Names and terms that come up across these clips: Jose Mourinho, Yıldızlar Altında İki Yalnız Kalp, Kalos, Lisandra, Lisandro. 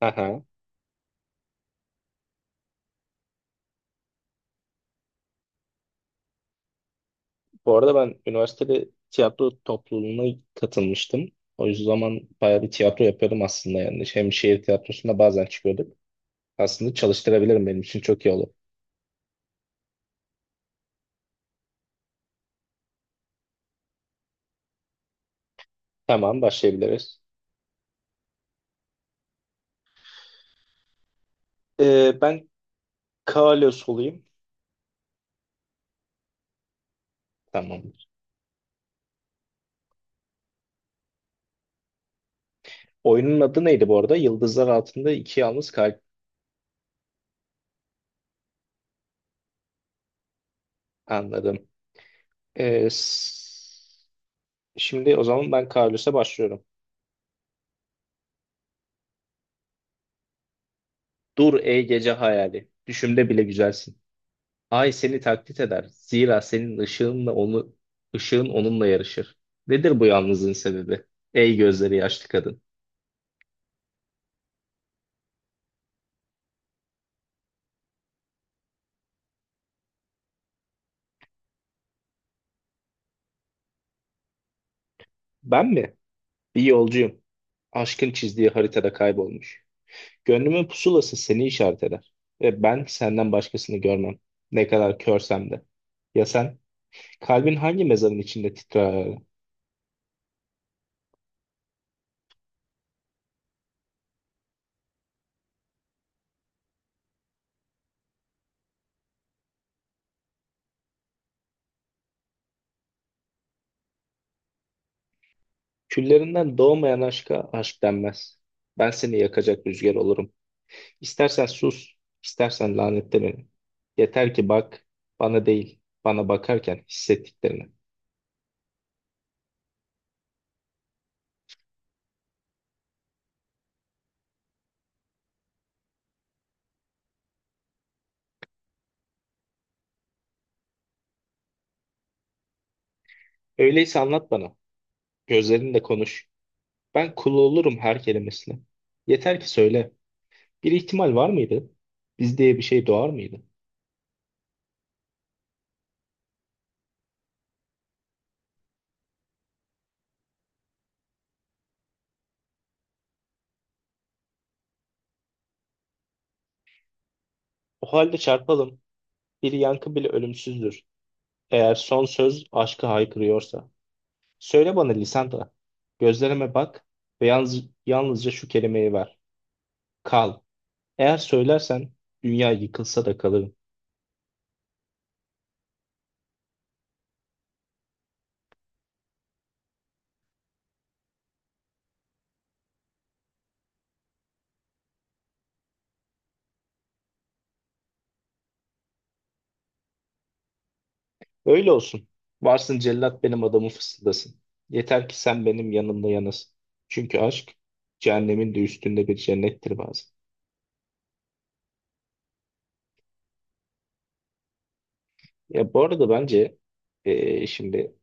Aha. Bu arada ben üniversitede tiyatro topluluğuna katılmıştım. O yüzden zaman bayağı bir tiyatro yapıyordum aslında yani. Hem şehir tiyatrosunda bazen çıkıyorduk. Aslında çalıştırabilirim, benim için çok iyi olur. Tamam, başlayabiliriz. Ben Kalos olayım. Tamam. Oyunun adı neydi bu arada? Yıldızlar Altında İki Yalnız Kalp. Anladım. Ee, s- şimdi o zaman ben Kalos'a başlıyorum. Dur ey gece hayali. Düşümde bile güzelsin. Ay seni taklit eder. Zira senin ışığınla onu ışığın onunla yarışır. Nedir bu yalnızlığın sebebi? Ey gözleri yaşlı kadın. Ben mi? Bir yolcuyum. Aşkın çizdiği haritada kaybolmuş. Gönlümün pusulası seni işaret eder. Ve ben senden başkasını görmem. Ne kadar körsem de. Ya sen? Kalbin hangi mezarın içinde titrer? Küllerinden doğmayan aşka aşk denmez. Ben seni yakacak rüzgar olurum. İstersen sus, istersen lanetle beni. Yeter ki bak, bana değil, bana bakarken hissettiklerini. Öyleyse anlat bana, gözlerinle konuş. Ben kulu olurum her kelimesine. Yeter ki söyle, bir ihtimal var mıydı? Biz diye bir şey doğar mıydı? O halde çarpalım, bir yankı bile ölümsüzdür. Eğer son söz aşkı haykırıyorsa. Söyle bana Lisandra, gözlerime bak ve yalnız, yalnızca şu kelimeyi ver. Kal. Eğer söylersen, dünya yıkılsa da kalırım. Öyle olsun. Varsın cellat benim adamı fısıldasın. Yeter ki sen benim yanımda yanasın. Çünkü aşk cehennemin de üstünde bir cennettir bazen. Ya, bu arada bence şimdi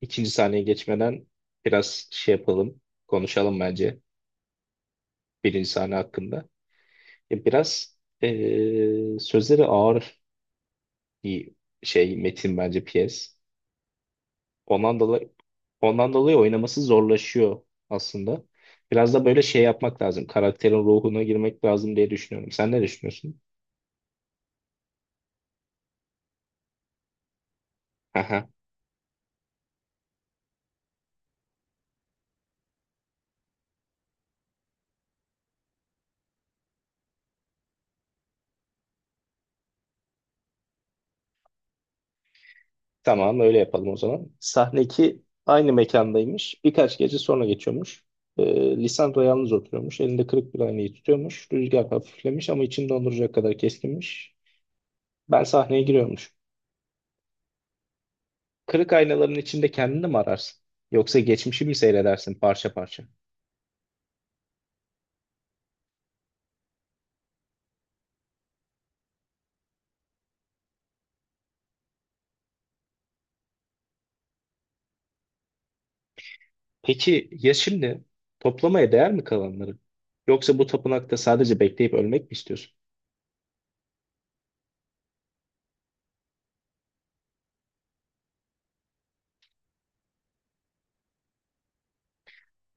ikinci sahneye geçmeden biraz şey yapalım, konuşalım bence birinci sahne hakkında. Ya biraz sözleri ağır bir şey metin bence piyes. Ondan dolayı ondan dolayı oynaması zorlaşıyor aslında. Biraz da böyle şey yapmak lazım. Karakterin ruhuna girmek lazım diye düşünüyorum. Sen ne düşünüyorsun? Aha, tamam, öyle yapalım o zaman. Sahne 2 aynı mekandaymış. Birkaç gece sonra geçiyormuş. Lisandro yalnız oturuyormuş. Elinde kırık bir aynayı tutuyormuş. Rüzgar hafiflemiş ama içini donduracak kadar keskinmiş. Ben sahneye giriyormuş. Kırık aynaların içinde kendini mi ararsın? Yoksa geçmişi mi seyredersin parça parça? Peki ya şimdi toplamaya değer mi kalanları? Yoksa bu tapınakta sadece bekleyip ölmek mi istiyorsun?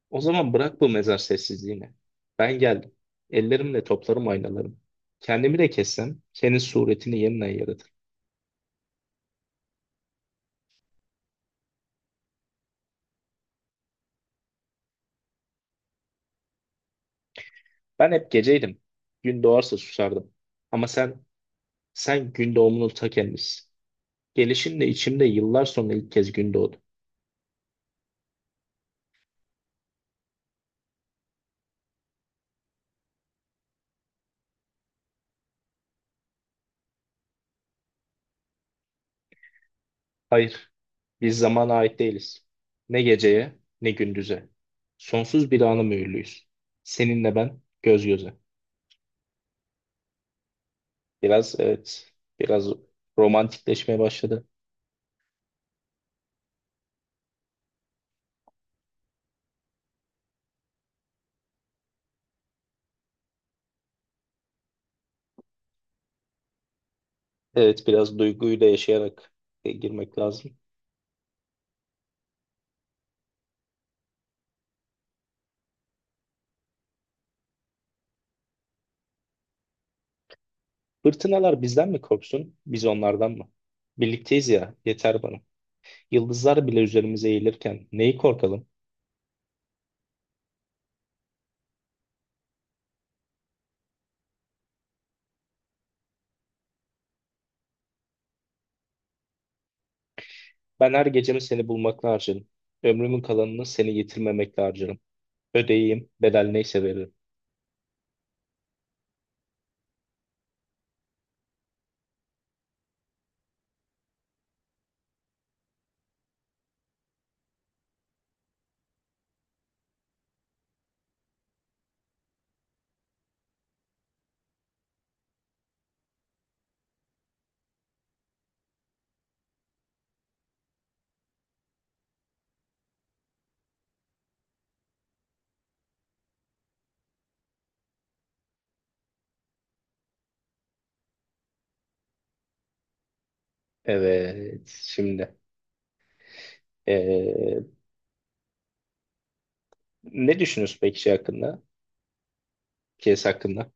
O zaman bırak bu mezar sessizliğini. Ben geldim. Ellerimle toplarım aynalarımı. Kendimi de kessem senin suretini yeniden yaratır. Ben hep geceydim. Gün doğarsa susardım. Ama sen, sen gün doğumunun ta kendisisin. Gelişinle içimde yıllar sonra ilk kez gün doğdu. Hayır, biz zamana ait değiliz. Ne geceye, ne gündüze. Sonsuz bir ana mühürlüyüz. Seninle ben göz göze. Biraz evet, biraz romantikleşmeye başladı. Evet, biraz duyguyu da yaşayarak girmek lazım. Fırtınalar bizden mi korksun, biz onlardan mı? Birlikteyiz ya, yeter bana. Yıldızlar bile üzerimize eğilirken neyi korkalım? Ben her gecemi seni bulmakla harcarım. Ömrümün kalanını seni yitirmemekle harcarım. Ödeyeyim, bedel neyse veririm. Evet, şimdi. Ee, ne düşünüyorsun peki şey hakkında? Kes hakkında.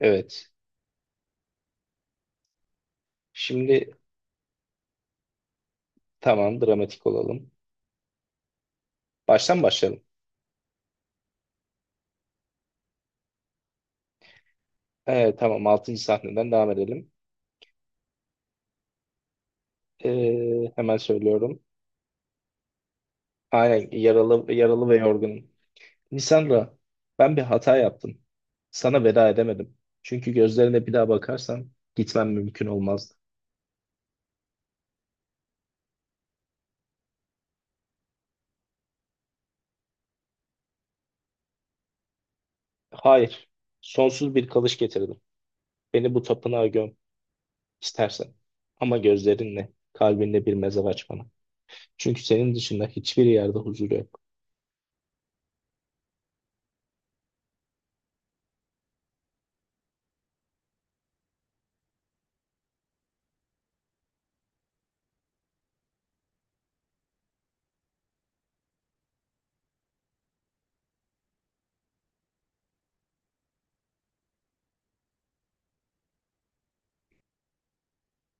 Evet. Şimdi tamam, dramatik olalım. Baştan başlayalım. Tamam altıncı sahneden devam edelim. Hemen söylüyorum. Aynen, yaralı, yaralı ve yorgunum. Lisandra, ben bir hata yaptım. Sana veda edemedim. Çünkü gözlerine bir daha bakarsam gitmem mümkün olmazdı. Hayır. Sonsuz bir kalış getirdim. Beni bu tapınağa göm istersen. Ama gözlerinle, kalbinle bir mezar aç bana. Çünkü senin dışında hiçbir yerde huzur yok.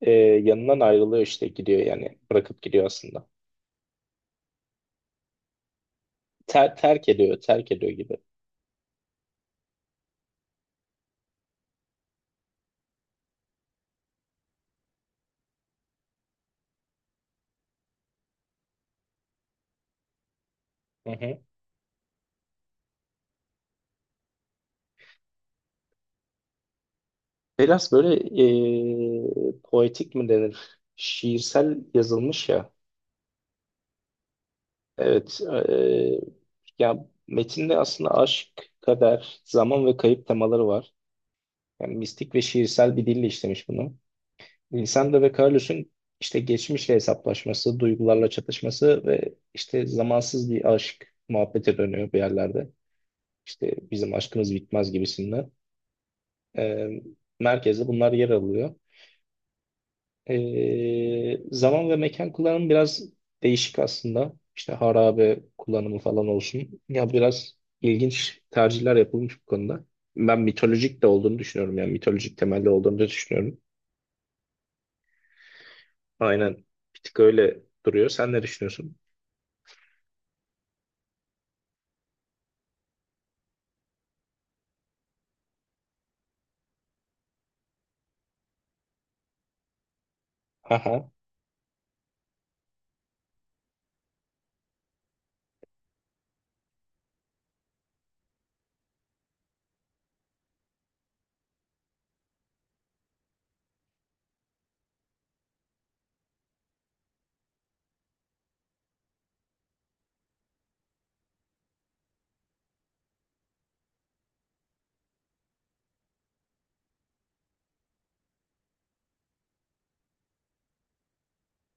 Ee, yanından ayrılıyor işte, gidiyor yani, bırakıp gidiyor aslında. Terk ediyor, terk ediyor gibi. Hı hı. Biraz böyle poetik mi denir? Şiirsel yazılmış ya. Evet. ee, ya metinde aslında aşk, kader, zaman ve kayıp temaları var. Yani mistik ve şiirsel bir dille işlemiş bunu. Lisandro ve Carlos'un işte geçmişle hesaplaşması, duygularla çatışması ve işte zamansız bir aşk muhabbete dönüyor bir yerlerde. İşte bizim aşkımız bitmez gibisinden. Ee, merkezde bunlar yer alıyor. Zaman ve mekan kullanımı biraz değişik aslında. İşte harabe kullanımı falan olsun. Ya biraz ilginç tercihler yapılmış bu konuda. Ben mitolojik de olduğunu düşünüyorum. Yani mitolojik temelli olduğunu da düşünüyorum. Aynen. Bir tık öyle duruyor. Sen ne düşünüyorsun? Aha,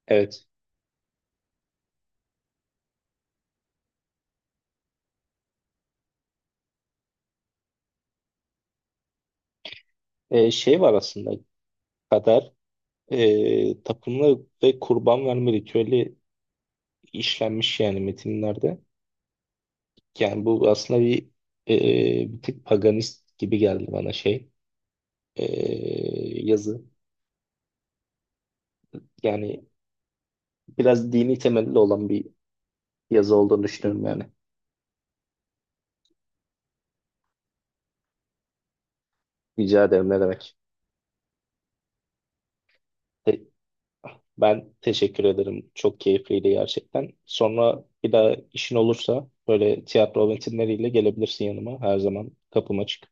evet. Şey var aslında, kader, tapınma ve kurban verme ritüeli işlenmiş yani metinlerde. Yani bu aslında bir tık paganist gibi geldi bana, e, yazı. Yani biraz dini temelli olan bir yazı olduğunu düşünüyorum yani. Rica ederim, ne demek. Te- ben teşekkür ederim. Çok keyifliydi gerçekten. Sonra bir daha işin olursa böyle tiyatro metinleriyle gelebilirsin yanıma. Her zaman kapım açık.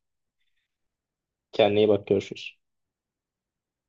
Kendine iyi bak, görüşürüz.